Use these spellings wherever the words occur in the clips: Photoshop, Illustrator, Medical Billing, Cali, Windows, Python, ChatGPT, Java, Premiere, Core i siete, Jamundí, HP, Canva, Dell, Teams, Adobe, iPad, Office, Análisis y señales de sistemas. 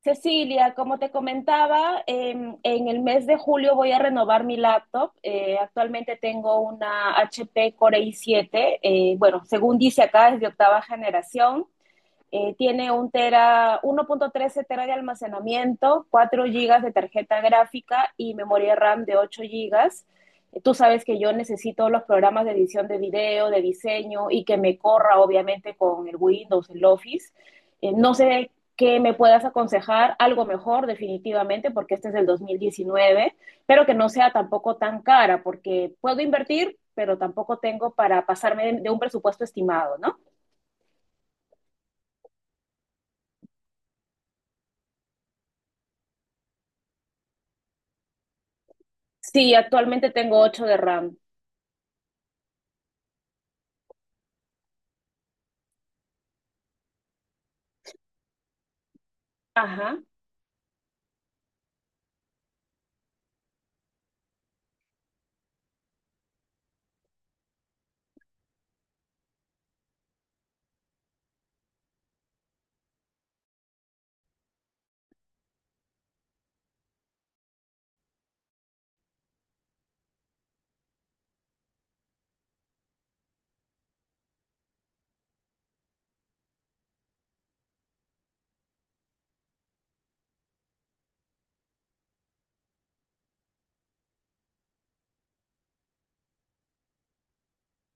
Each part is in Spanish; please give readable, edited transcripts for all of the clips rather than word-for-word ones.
Cecilia, como te comentaba, en el mes de julio voy a renovar mi laptop. Actualmente tengo una HP Core i7. Bueno, según dice acá es de octava generación. Tiene un tera, 1.13 tera de almacenamiento, 4 gigas de tarjeta gráfica y memoria RAM de 8 gigas. Tú sabes que yo necesito los programas de edición de video, de diseño y que me corra obviamente con el Windows, el Office. No sé qué me puedas aconsejar algo mejor definitivamente, porque este es del 2019, pero que no sea tampoco tan cara, porque puedo invertir, pero tampoco tengo para pasarme de un presupuesto estimado, ¿no? Sí, actualmente tengo 8 de RAM. Ajá,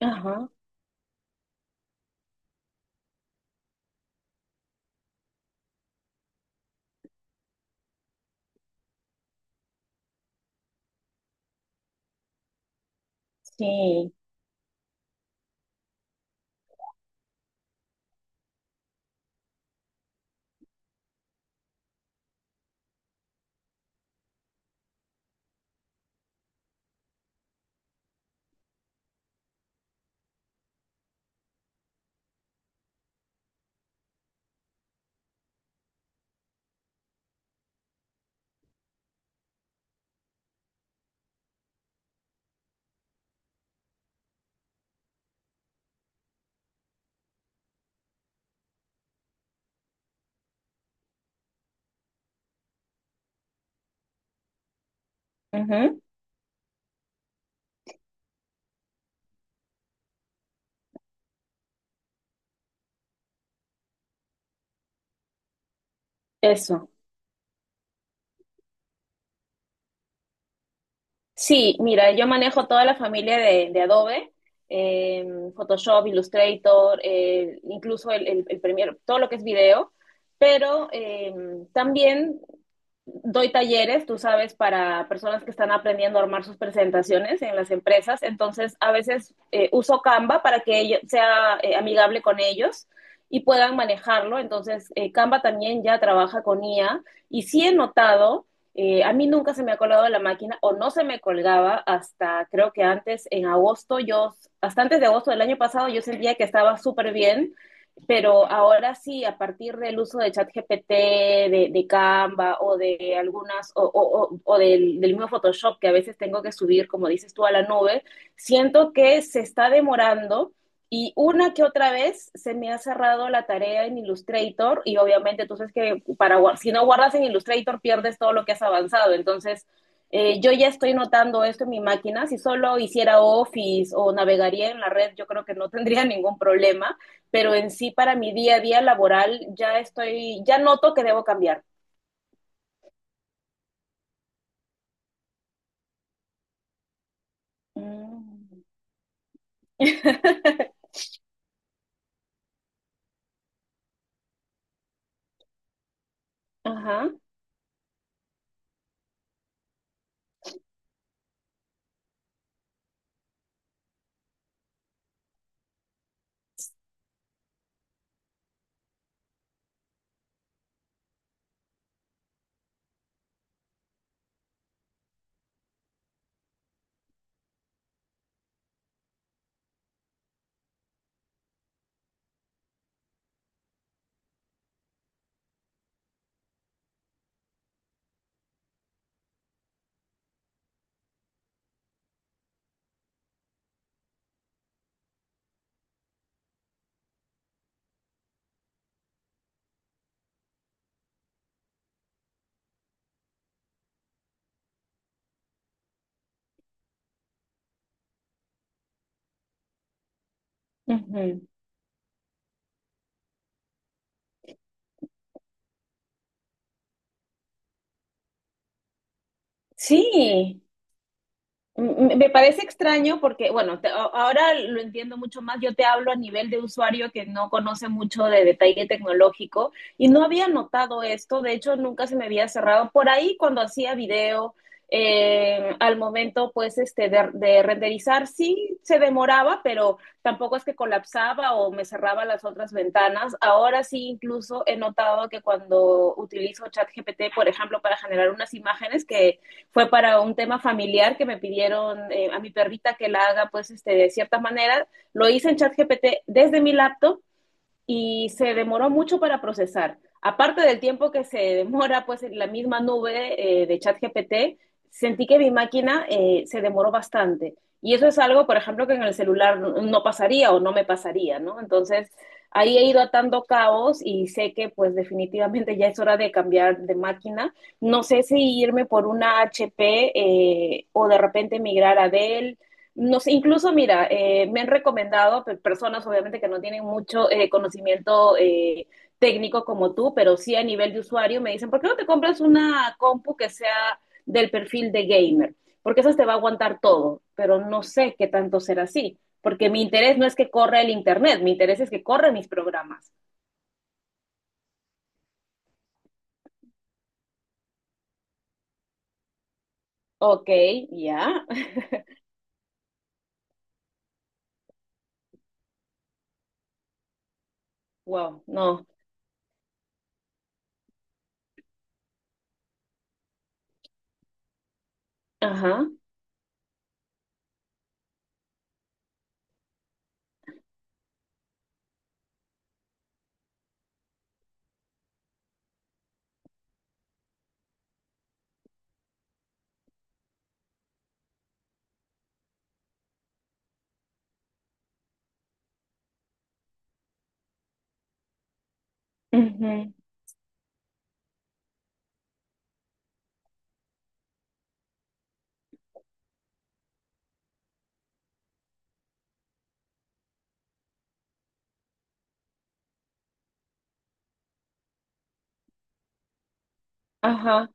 ajá, sí. Ujú. Eso. Sí, mira, yo manejo toda la familia de Adobe, eh, Photoshop, Illustrator, incluso el Premiere, todo lo que es video, pero también doy talleres, tú sabes, para personas que están aprendiendo a armar sus presentaciones en las empresas. Entonces a veces uso Canva para que sea amigable con ellos y puedan manejarlo. Entonces Canva también ya trabaja con IA y sí he notado, a mí nunca se me ha colgado la máquina, o no se me colgaba hasta creo que antes, en agosto, yo, hasta antes de agosto del año pasado, yo sentía que estaba súper bien. Pero ahora sí, a partir del uso de ChatGPT, de Canva o de algunas, o del mismo Photoshop que a veces tengo que subir, como dices tú, a la nube, siento que se está demorando. Y una que otra vez se me ha cerrado la tarea en Illustrator, y obviamente tú sabes que para, si no guardas en Illustrator pierdes todo lo que has avanzado. Entonces, yo ya estoy notando esto en mi máquina. Si solo hiciera Office o navegaría en la red, yo creo que no tendría ningún problema. Pero en sí, para mi día a día laboral, ya noto que debo cambiar. Mm. Ajá. Ujú. Sí. Me parece extraño porque, bueno, ahora lo entiendo mucho más. Yo te hablo a nivel de usuario que no conoce mucho de detalle tecnológico, y no había notado esto. De hecho, nunca se me había cerrado. Por ahí, cuando hacía video, al momento, pues, este, de renderizar, sí se demoraba, pero tampoco es que colapsaba o me cerraba las otras ventanas. Ahora sí, incluso he notado que cuando utilizo ChatGPT, por ejemplo, para generar unas imágenes que fue para un tema familiar que me pidieron, a mi perrita que la haga pues este, de cierta manera. Lo hice en ChatGPT desde mi laptop y se demoró mucho para procesar. Aparte del tiempo que se demora, pues, en la misma nube de ChatGPT, sentí que mi máquina se demoró bastante. Y eso es algo, por ejemplo, que en el celular no pasaría o no me pasaría, ¿no? Entonces, ahí he ido atando cabos y sé que, pues, definitivamente ya es hora de cambiar de máquina. No sé si irme por una HP, o de repente migrar a Dell, nos, incluso, mira, me han recomendado personas, obviamente, que no tienen mucho conocimiento técnico como tú, pero sí a nivel de usuario, me dicen, ¿por qué no te compras una compu que sea del perfil de gamer? Porque esa te va a aguantar todo, pero no sé qué tanto será así, porque mi interés no es que corra el Internet, mi interés es que corra mis programas. Ok. Ya. Wow, no. Ajá. Ujú. Ajá.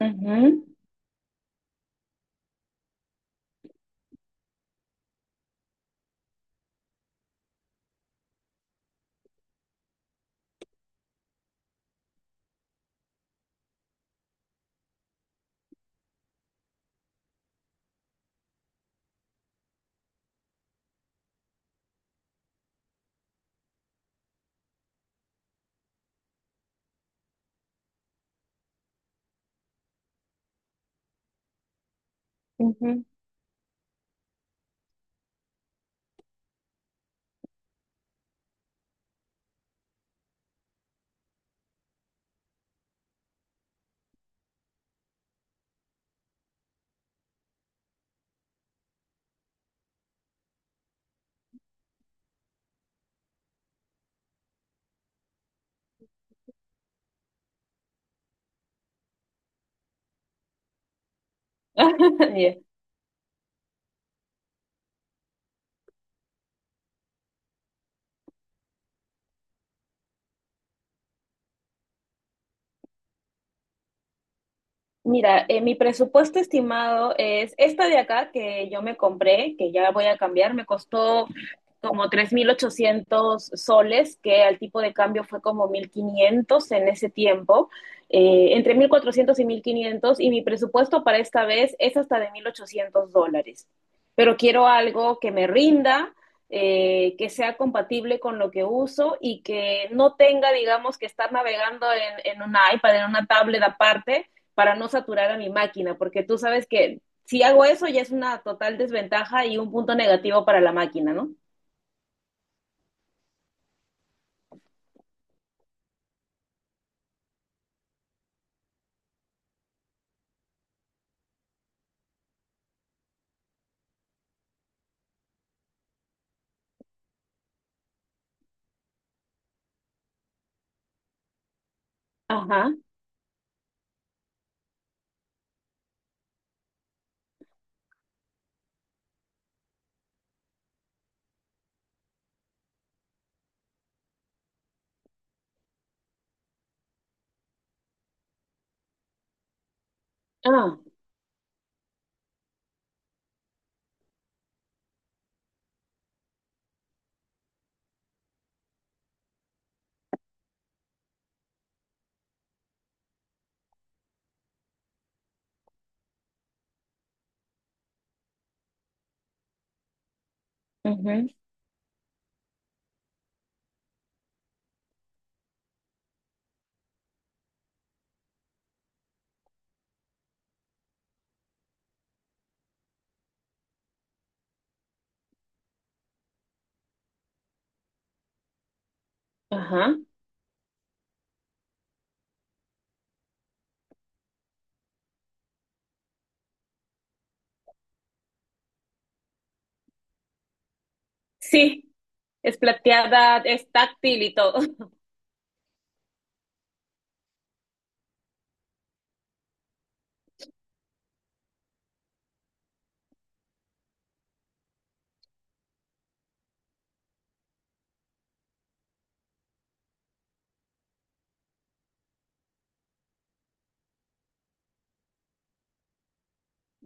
Ujú, ujú. Yeah. Mira, mi presupuesto estimado es esta de acá que yo me compré, que ya voy a cambiar. Me costó como 3.800 soles, que al tipo de cambio fue como 1.500 en ese tiempo, entre 1.400 y 1.500. Y mi presupuesto para esta vez es hasta de 1.800 dólares. Pero quiero algo que me rinda, que sea compatible con lo que uso y que no tenga, digamos, que estar navegando en un iPad, en una tablet aparte, para no saturar a mi máquina, porque tú sabes que si hago eso ya es una total desventaja y un punto negativo para la máquina, ¿no? Ajá. Ah, ujú. Ajá. Sí, es plateada, es táctil y todo.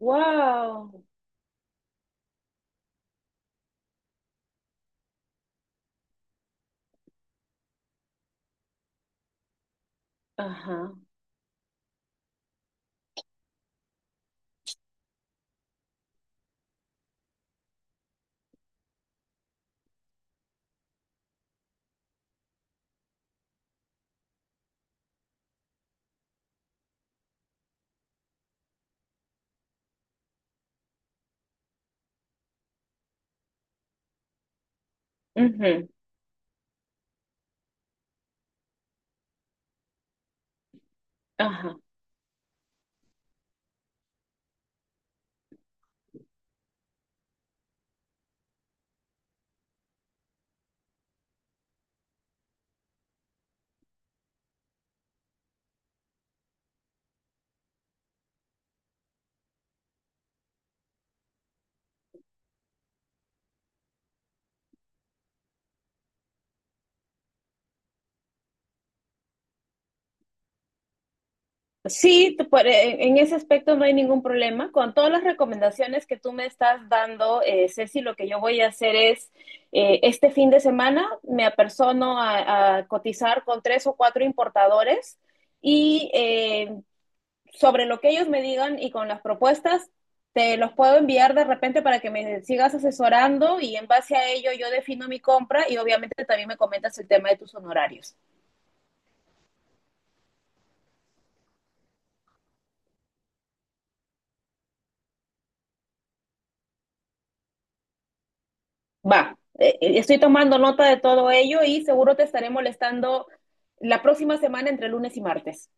Wow. Ajá. Ujú. Ajá. Sí, en ese aspecto no hay ningún problema. Con todas las recomendaciones que tú me estás dando, Ceci, lo que yo voy a hacer es, este fin de semana me apersono a cotizar con tres o cuatro importadores, y sobre lo que ellos me digan y con las propuestas, te los puedo enviar de repente para que me sigas asesorando, y en base a ello yo defino mi compra, y obviamente también me comentas el tema de tus honorarios. Va, estoy tomando nota de todo ello y seguro te estaré molestando la próxima semana entre lunes y martes.